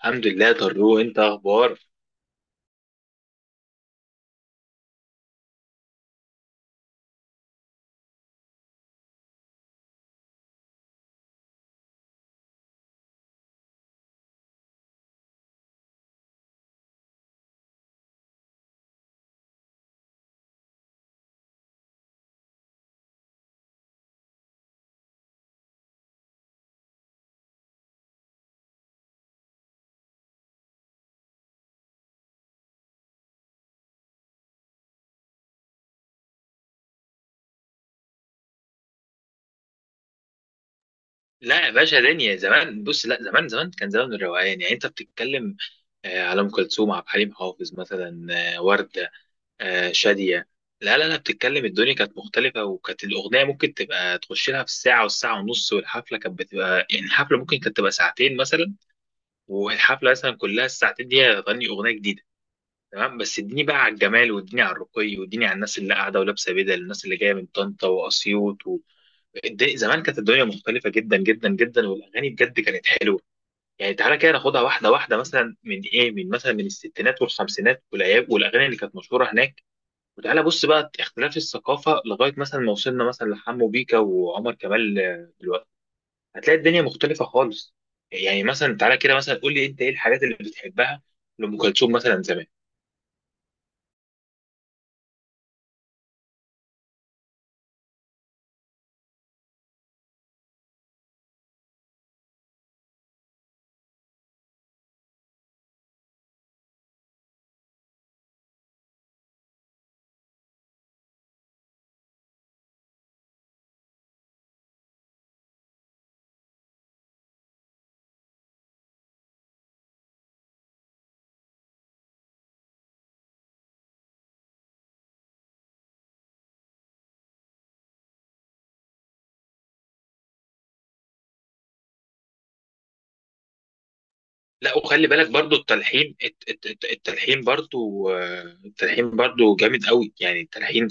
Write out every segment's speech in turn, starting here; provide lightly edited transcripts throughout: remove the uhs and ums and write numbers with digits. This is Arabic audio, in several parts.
الحمد لله طارق، انت اخبار؟ لا يا باشا، دنيا زمان. بص، لا، زمان زمان كان زمان الروقان. يعني انت بتتكلم على ام كلثوم، عبد الحليم حافظ مثلا، ورده، شاديه. لا لا لا، بتتكلم الدنيا كانت مختلفه، وكانت الاغنيه ممكن تبقى تخش لها في الساعه والساعه ونص، والحفله كانت بتبقى، يعني الحفله ممكن كانت تبقى ساعتين مثلا. والحفله مثلا كلها الساعتين دي هتغني اغنيه جديده. تمام، بس اديني بقى على الجمال، واديني على الرقي، واديني على الناس اللي قاعده ولابسه بدل، الناس اللي جايه من طنطا واسيوط. زمان كانت الدنيا مختلفة جدا جدا جدا، والأغاني بجد كانت حلوة. يعني تعالى كده ناخدها واحدة واحدة، مثلا من إيه، من مثلا من الستينات والخمسينات، والأيام والأغاني اللي كانت مشهورة هناك. وتعالى بص بقى اختلاف الثقافة، لغاية مثلا ما وصلنا مثلا لحمو بيكا وعمر كمال. دلوقتي هتلاقي الدنيا مختلفة خالص. يعني مثلا تعالى كده، مثلا قول لي أنت إيه الحاجات اللي بتحبها لأم كلثوم مثلا زمان. لا، وخلي بالك برضو التلحين، التلحين برضو، التلحين برضو جامد قوي. يعني التلحين،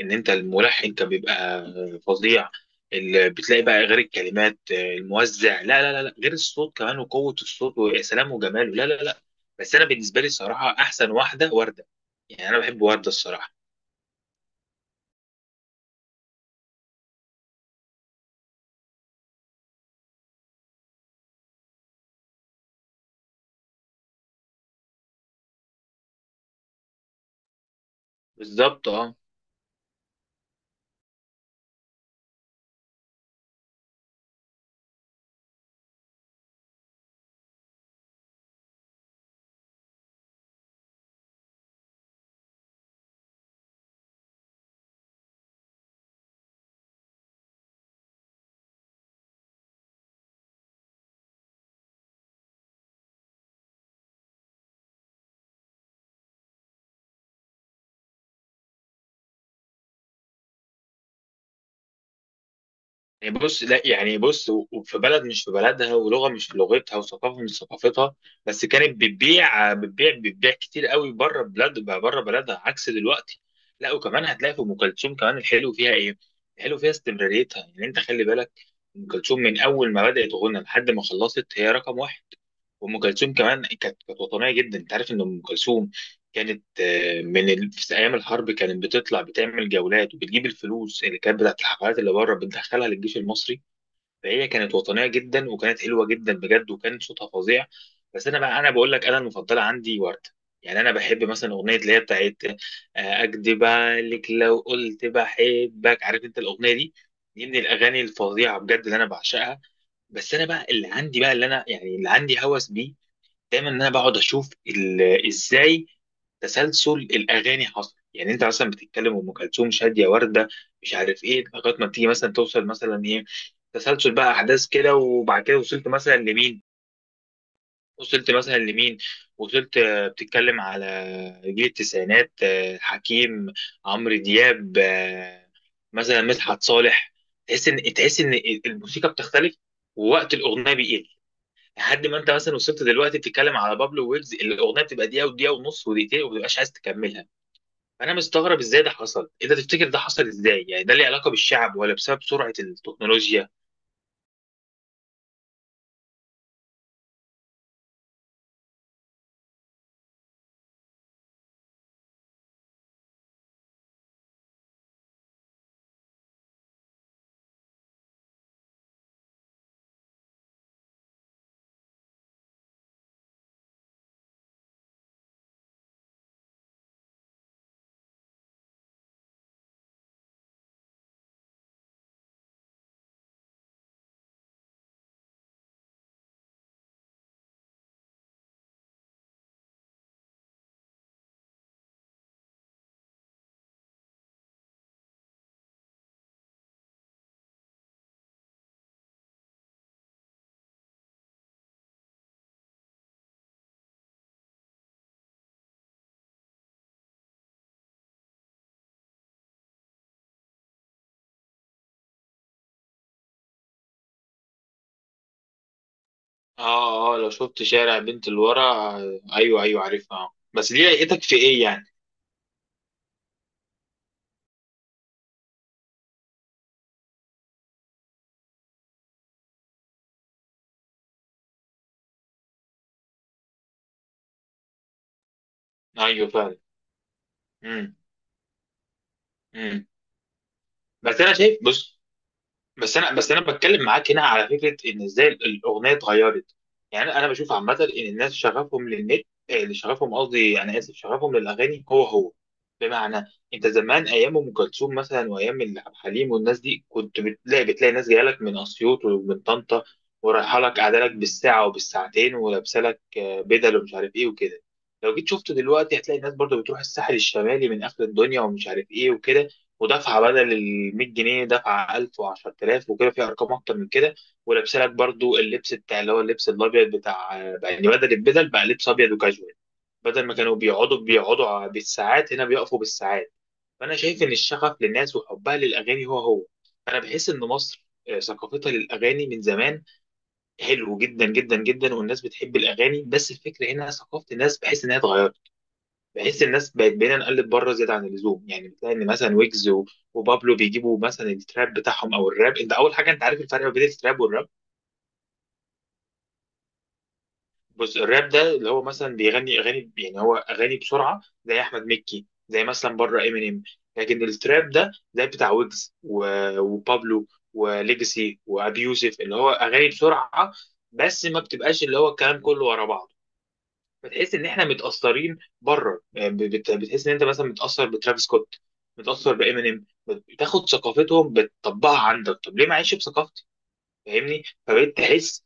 ان انت الملحن كان بيبقى فظيع. اللي بتلاقي بقى غير الكلمات، الموزع، لا لا لا لا، غير الصوت كمان، وقوة الصوت ويا سلام وجماله، لا لا لا. بس انا بالنسبة لي الصراحة احسن واحدة وردة. يعني انا بحب وردة الصراحة. بالظبط، اه. يعني بص، لا، يعني بص وفي بلد مش في بلدها، ولغه مش في لغتها، وثقافه مش في ثقافتها. بس كانت بتبيع بتبيع بتبيع كتير قوي بره بلاد، بره بلدها، عكس دلوقتي. لا، وكمان هتلاقي في ام كلثوم كمان الحلو فيها ايه؟ الحلو فيها استمراريتها. يعني انت خلي بالك، ام كلثوم من اول ما بدات غنى لحد ما خلصت هي رقم واحد. وام كلثوم كمان كانت، كانت وطنيه جدا. انت عارف ان ام كلثوم كانت في ايام الحرب كانت بتطلع بتعمل جولات، وبتجيب الفلوس اللي كانت بتاعت الحفلات اللي بره بتدخلها للجيش المصري. فهي كانت وطنيه جدا، وكانت حلوه جدا بجد، وكان صوتها فظيع. بس انا بقى، انا بقول لك، انا المفضله عندي ورده. يعني انا بحب مثلا اغنيه اللي هي بتاعت اكدب عليك لو قلت بحبك، عارف انت الاغنيه دي؟ دي من الاغاني الفظيعه بجد اللي انا بعشقها. بس انا بقى اللي عندي بقى، اللي انا يعني اللي عندي هوس بيه دايما، ان انا بقعد اشوف ازاي تسلسل الاغاني حصل. يعني انت مثلا بتتكلم ام كلثوم، شاديه، ورده، مش عارف ايه، لغايه ما تيجي مثلا توصل مثلا ايه، تسلسل بقى احداث كده، وبعد كده وصلت مثلا لمين، وصلت مثلا لمين، وصلت بتتكلم على جيل التسعينات، حكيم، عمرو دياب، مثلا مدحت صالح. تحس ان الموسيقى بتختلف، ووقت الاغنيه بيقل، لحد ما انت مثلا وصلت دلوقتي بتتكلم على بابلو ويجز، الاغنيه بتبقى دقيقه ودقيقه ونص ودقيقتين، وما بتبقاش عايز تكملها. فانا مستغرب ازاي ده حصل. انت تفتكر ده حصل ازاي؟ يعني ده ليه علاقه بالشعب، ولا بسبب سرعه التكنولوجيا؟ اه، اه، لو شفت شارع بنت الورى، ايوه ايوه، عارفها. اه، بس دي لقيتك في ايه يعني؟ ايوه فعلا. امم، امم. بس انا شايف، بص، بس انا بتكلم معاك هنا على فكره، ان ازاي الاغنيه اتغيرت. يعني انا بشوف عامه ان الناس شغفهم للنت، اللي شغفهم قصدي انا اسف، شغفهم للاغاني هو هو. بمعنى، انت زمان ايام ام كلثوم مثلا، وايام عبد الحليم والناس دي، كنت بتلاقي ناس جايه لك من اسيوط ومن طنطا، ورايحه لك قاعده لك بالساعه وبالساعتين، ولابسه لك بدل ومش عارف ايه وكده. لو جيت شفته دلوقتي، هتلاقي الناس برضو بتروح الساحل الشمالي من اخر الدنيا ومش عارف ايه وكده، ودفعه بدل ال 100 جنيه، دفعه 1000 و10000 وكده، في ارقام اكتر من كده. ولابسه لك برضو اللبس بتاع، اللي هو اللبس الابيض بتاع. يعني بدل البدل بقى لبس ابيض وكاجوال. بدل ما كانوا بيقعدوا، بالساعات هنا بيقفوا بالساعات. فانا شايف ان الشغف للناس وحبها للاغاني هو هو. انا بحس ان مصر ثقافتها للاغاني من زمان حلو جدا جدا جدا، والناس بتحب الاغاني. بس الفكره هنا ثقافه الناس بحس انها اتغيرت، بحيث الناس بقت، بقينا نقلد بره زياده عن اللزوم. يعني بتلاقي ان مثلا ويجز وبابلو بيجيبوا مثلا التراب بتاعهم او الراب. انت اول حاجه، انت عارف الفرق ما بين التراب والراب؟ بص، الراب ده اللي هو مثلا بيغني اغاني، يعني هو اغاني بسرعه زي احمد مكي، زي مثلا بره امينيم. لكن التراب ده زي بتاع ويجز وبابلو وليجسي وابي يوسف، اللي هو اغاني بسرعه، بس ما بتبقاش اللي هو الكلام كله ورا بعض. بتحس ان احنا متاثرين بره. يعني بتحس ان انت مثلا متاثر بترافيس سكوت، متاثر بامينيم. بتاخد ثقافتهم بتطبقها عندك. طب ليه ما اعيش بثقافتي؟ فاهمني؟ فبقيت تحس.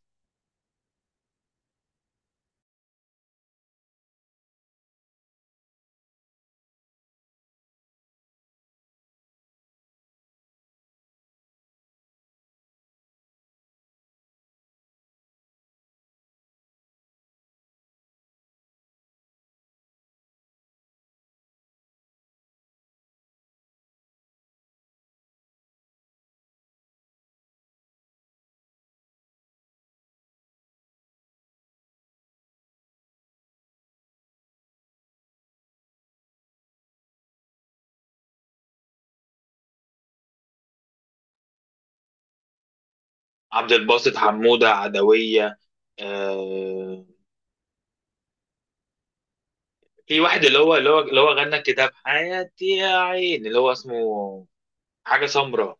عبد الباسط حموده، عدويه. آه... في واحد اللي هو غنى كده بحياتي يا عين، اللي هو اسمه حاجه سمراء.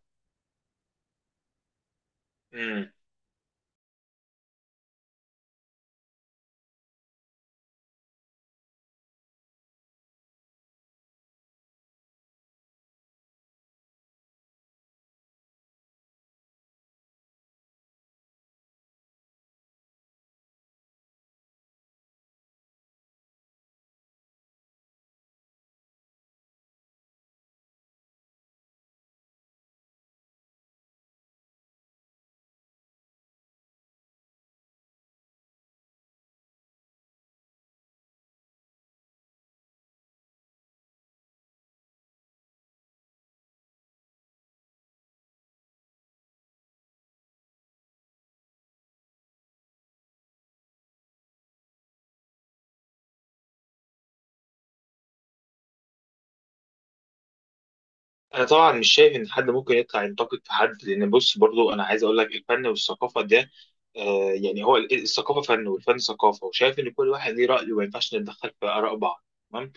انا طبعا مش شايف ان حد ممكن يطلع ينتقد في حد، لان بص، برضو انا عايز اقول لك، الفن والثقافه ده، آه، يعني هو الثقافه فن والفن ثقافه، وشايف ان كل واحد ليه راي، وما ينفعش نتدخل في اراء بعض. تمام.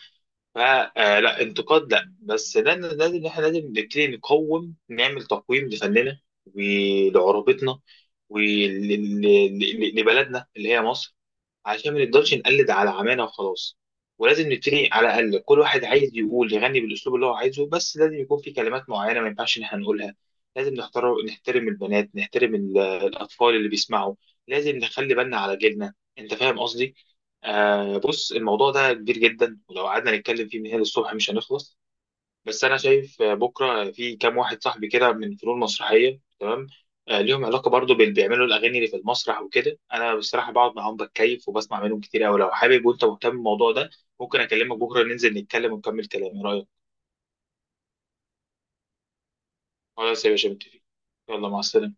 فلا انتقاد، لا، بس لازم، لازم احنا لازم نبتدي نقوم نعمل تقويم لفننا، ولعروبتنا، ولبلدنا اللي هي مصر، عشان ما نفضلش نقلد على عمانا وخلاص. ولازم نبتدي على الأقل، كل واحد عايز يقول يغني بالأسلوب اللي هو عايزه، بس لازم يكون في كلمات معينة ما ينفعش إن احنا نقولها. لازم نختار، نحترم البنات، نحترم الأطفال اللي بيسمعوا. لازم نخلي بالنا على جيلنا. أنت فاهم قصدي؟ آه، بص، الموضوع ده كبير جدا، ولو قعدنا نتكلم فيه من هنا للصبح مش هنخلص. بس انا شايف بكره في كام واحد صاحبي كده من فنون مسرحيه. تمام، ليهم علاقه برضو بال، بيعملوا الاغاني اللي في المسرح وكده. انا بصراحه بقعد معاهم بتكيف وبسمع منهم كتير قوي. لو حابب وانت مهتم بالموضوع ده، ممكن اكلمك بكره ننزل نتكلم ونكمل كلام. ايه رايك؟ خلاص يا باشا، متفقين. يلا مع السلامه.